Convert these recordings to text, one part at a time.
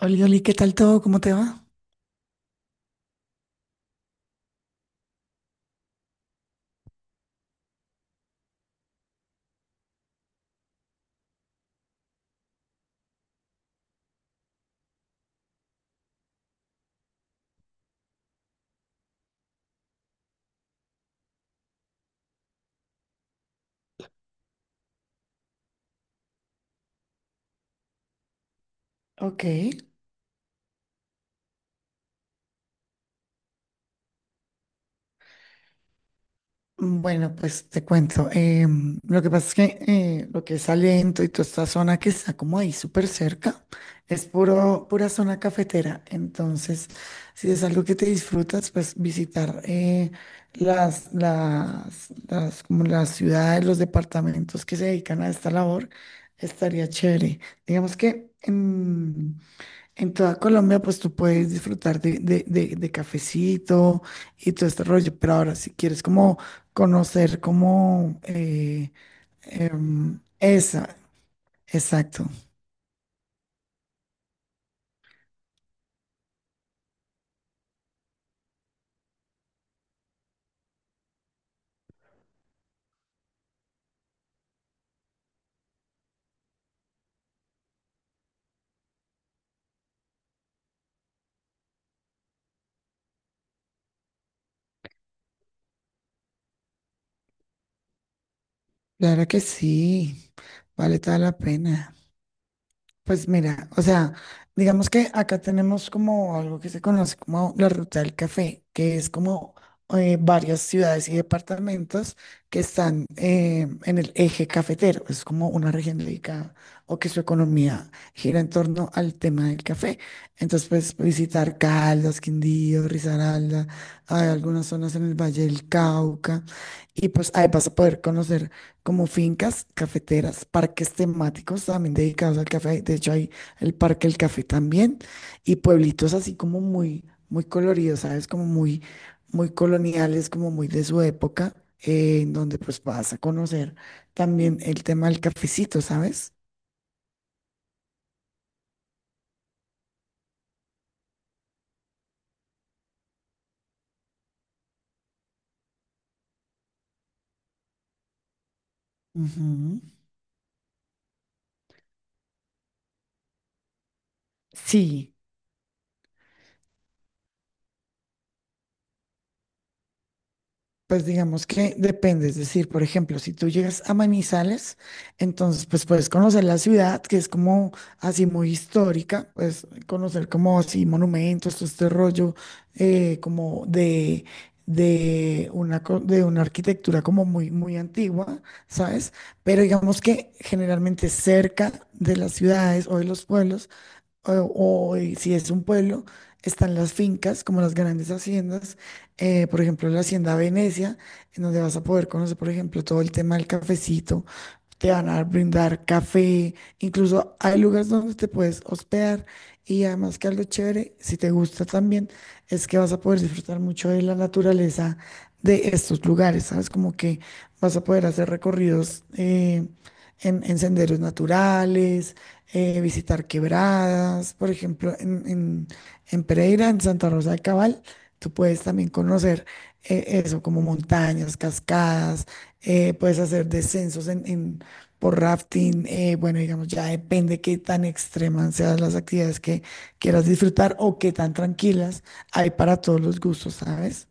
Oli, Oli, ¿qué tal todo? ¿Cómo te va? Ok, bueno, pues te cuento. Lo que pasa es que lo que es Salento y toda esta zona que está como ahí súper cerca es pura zona cafetera. Entonces, si es algo que te disfrutas, pues visitar como las ciudades, los departamentos que se dedican a esta labor estaría chévere. Digamos que en toda Colombia, pues tú puedes disfrutar de cafecito y todo este rollo, pero ahora si quieres como conocer como em, esa, exacto. Claro que sí, vale toda la pena. Pues mira, o sea, digamos que acá tenemos como algo que se conoce como la ruta del café, que es como varias ciudades y departamentos que están en el eje cafetero. Es como una región dedicada o que su economía gira en torno al tema del café. Entonces puedes visitar Caldas, Quindío, Risaralda, hay algunas zonas en el Valle del Cauca y pues ahí vas a poder conocer como fincas cafeteras, parques temáticos también dedicados al café. De hecho, hay el Parque del Café también y pueblitos así como muy, muy coloridos, ¿sabes? Como muy, muy coloniales, como muy de su época, en donde pues vas a conocer también el tema del cafecito, ¿sabes? Ujú. Sí. Pues digamos que depende, es decir, por ejemplo, si tú llegas a Manizales, entonces pues puedes conocer la ciudad, que es como así muy histórica, pues conocer como así monumentos, todo este rollo, como de una arquitectura como muy, muy antigua, ¿sabes? Pero digamos que generalmente cerca de las ciudades o de los pueblos, o, o, si es un pueblo, están las fincas, como las grandes haciendas. Por ejemplo, la Hacienda Venecia, en donde vas a poder conocer, por ejemplo, todo el tema del cafecito, te van a brindar café, incluso hay lugares donde te puedes hospedar. Y además, que algo chévere, si te gusta también, es que vas a poder disfrutar mucho de la naturaleza de estos lugares, ¿sabes? Como que vas a poder hacer recorridos en senderos naturales, visitar quebradas, por ejemplo, en, en Pereira, en Santa Rosa de Cabal. Tú puedes también conocer como montañas, cascadas, puedes hacer descensos por rafting. Bueno, digamos, ya depende qué tan extremas sean las actividades que quieras disfrutar o qué tan tranquilas. Hay para todos los gustos, ¿sabes?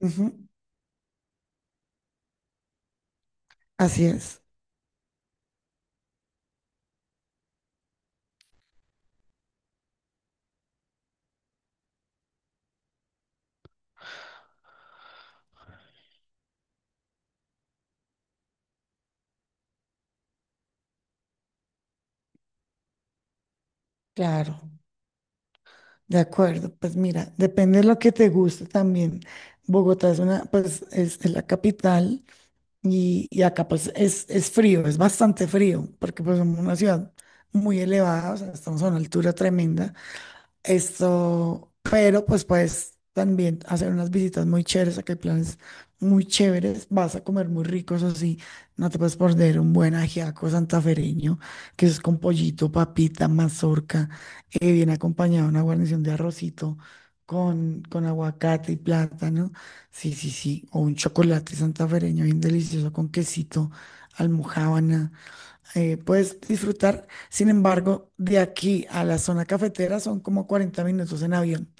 Ujú. Así es. Claro, de acuerdo. Pues mira, depende de lo que te guste también. Bogotá pues es la capital. Y acá pues es frío, es bastante frío, porque pues somos una ciudad muy elevada, o sea, estamos a una altura tremenda. Pero pues puedes también hacer unas visitas muy chéveres, acá hay planes muy chéveres, vas a comer muy ricos así. No te puedes perder un buen ajiaco santafereño, que es con pollito, papita, mazorca. Viene acompañado de una guarnición de arrocito con aguacate y plátano. Sí, sí, sí, o un chocolate santafereño bien delicioso, con quesito, almojábana, puedes disfrutar. Sin embargo, de aquí a la zona cafetera son como 40 minutos en avión.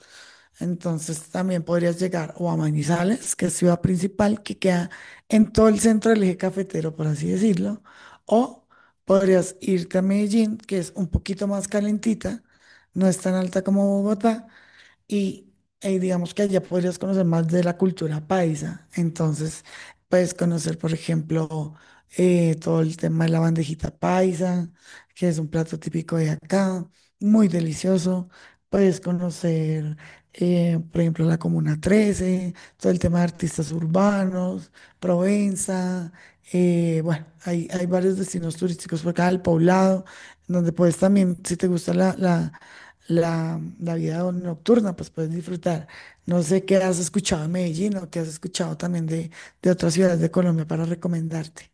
Entonces también podrías llegar o a Manizales, que es ciudad principal, que queda en todo el centro del eje cafetero, por así decirlo. O podrías irte a Medellín, que es un poquito más calentita, no es tan alta como Bogotá, y digamos que allá podrías conocer más de la cultura paisa. Entonces, puedes conocer, por ejemplo, todo el tema de la bandejita paisa, que es un plato típico de acá, muy delicioso. Puedes conocer, por ejemplo, la Comuna 13, todo el tema de artistas urbanos, Provenza. Bueno, hay varios destinos turísticos por acá, el Poblado, donde puedes también, si te gusta la vida nocturna, pues puedes disfrutar. No sé qué has escuchado en Medellín, o qué has escuchado también de otras ciudades de Colombia para recomendarte.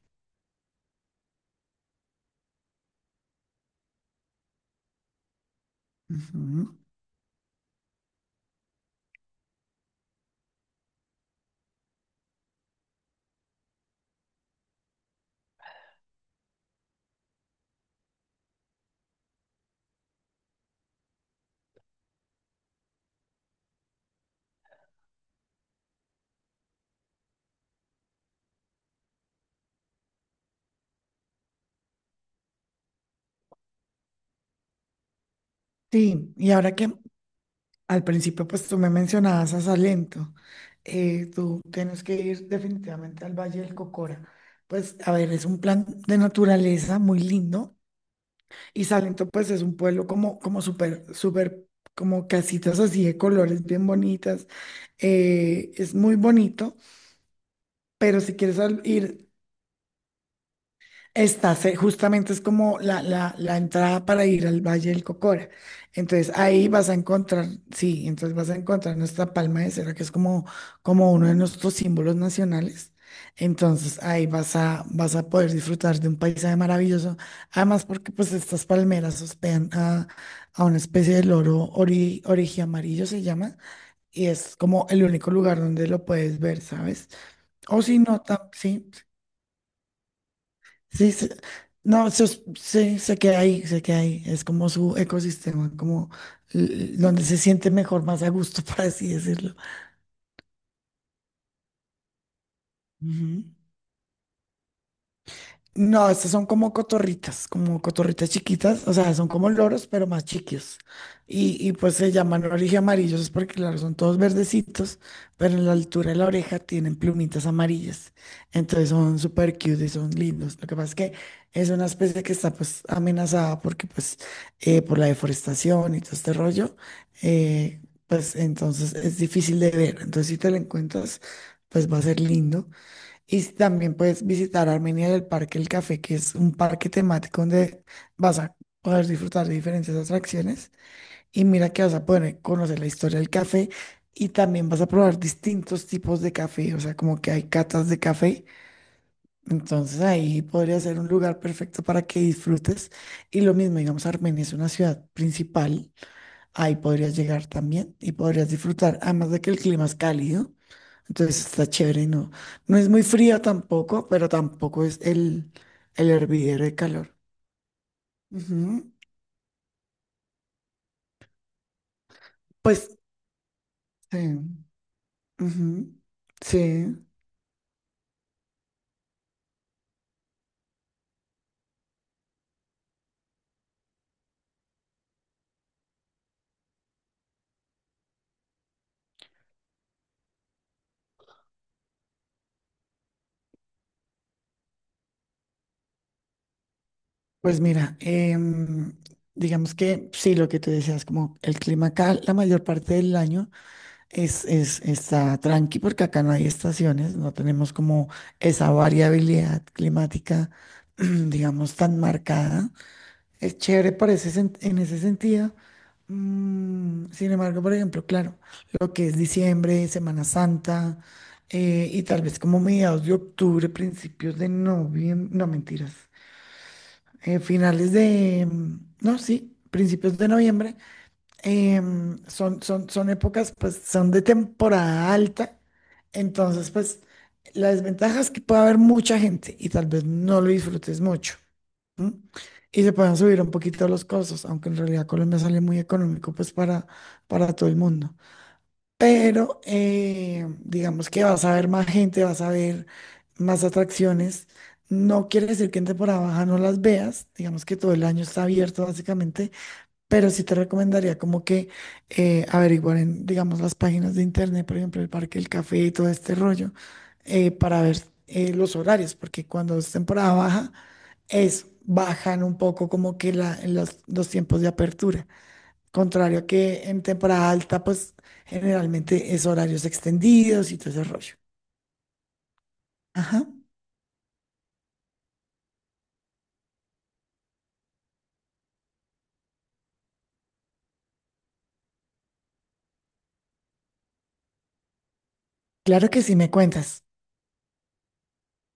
Ujú. Sí, y ahora que al principio pues tú me mencionabas a Salento, tú tienes que ir definitivamente al Valle del Cocora. Pues a ver, es un plan de naturaleza muy lindo. Y Salento pues es un pueblo como súper, súper, como casitas así de colores bien bonitas. Es muy bonito. Pero si quieres ir, justamente es como la entrada para ir al Valle del Cocora. Entonces ahí vas a encontrar. Sí, entonces vas a encontrar nuestra palma de cera, que es como uno de nuestros símbolos nacionales. Entonces ahí vas a poder disfrutar de un paisaje maravilloso. Además, porque pues estas palmeras hospedan a una especie de loro amarillo, se llama, y es como el único lugar donde lo puedes ver, ¿sabes? O si no, sí. Sí, no, sí, se queda ahí, se queda ahí. Es como su ecosistema, como donde se siente mejor, más a gusto, por así decirlo. Ujú. No, estas son como cotorritas chiquitas, o sea, son como loros, pero más chiquitos. Y pues se llaman oreja amarillos es porque, claro, son todos verdecitos, pero en la altura de la oreja tienen plumitas amarillas. Entonces son súper cute y son lindos. Lo que pasa es que es una especie que está pues amenazada, porque pues por la deforestación y todo este rollo, eh, pues entonces es difícil de ver. Entonces si te la encuentras, pues va a ser lindo. Y también puedes visitar Armenia, del Parque El Café, que es un parque temático donde vas a poder disfrutar de diferentes atracciones. Y mira que vas a poder conocer la historia del café y también vas a probar distintos tipos de café, o sea, como que hay catas de café. Entonces ahí podría ser un lugar perfecto para que disfrutes. Y lo mismo, digamos, Armenia es una ciudad principal, ahí podrías llegar también y podrías disfrutar, además de que el clima es cálido, entonces está chévere. No, no es muy frío tampoco, pero tampoco es el hervidero de calor. Ujú. Pues, sí. Ujú. Sí, pues mira, digamos que sí, lo que te decías, como el clima acá la mayor parte del año está tranqui, porque acá no hay estaciones, no tenemos como esa variabilidad climática, digamos, tan marcada. Es chévere por ese en ese sentido. Sin embargo, por ejemplo, claro, lo que es diciembre, Semana Santa, y tal vez como mediados de octubre, principios de noviembre. No mentiras, finales de, no, sí, principios de noviembre, son épocas, pues son de temporada alta, entonces pues la desventaja es que puede haber mucha gente y tal vez no lo disfrutes mucho. ¿M? Y se pueden subir un poquito los costos, aunque en realidad Colombia sale muy económico pues para, todo el mundo. Pero digamos que vas a ver más gente, vas a ver más atracciones. No quiere decir que en temporada baja no las veas, digamos que todo el año está abierto básicamente, pero sí te recomendaría como que averiguar en, digamos, las páginas de internet, por ejemplo, el Parque del Café y todo este rollo, para ver los horarios, porque cuando es temporada baja, es bajan un poco como que los tiempos de apertura. Contrario a que en temporada alta, pues generalmente es horarios extendidos y todo ese rollo. Ajá. Claro que sí, me cuentas.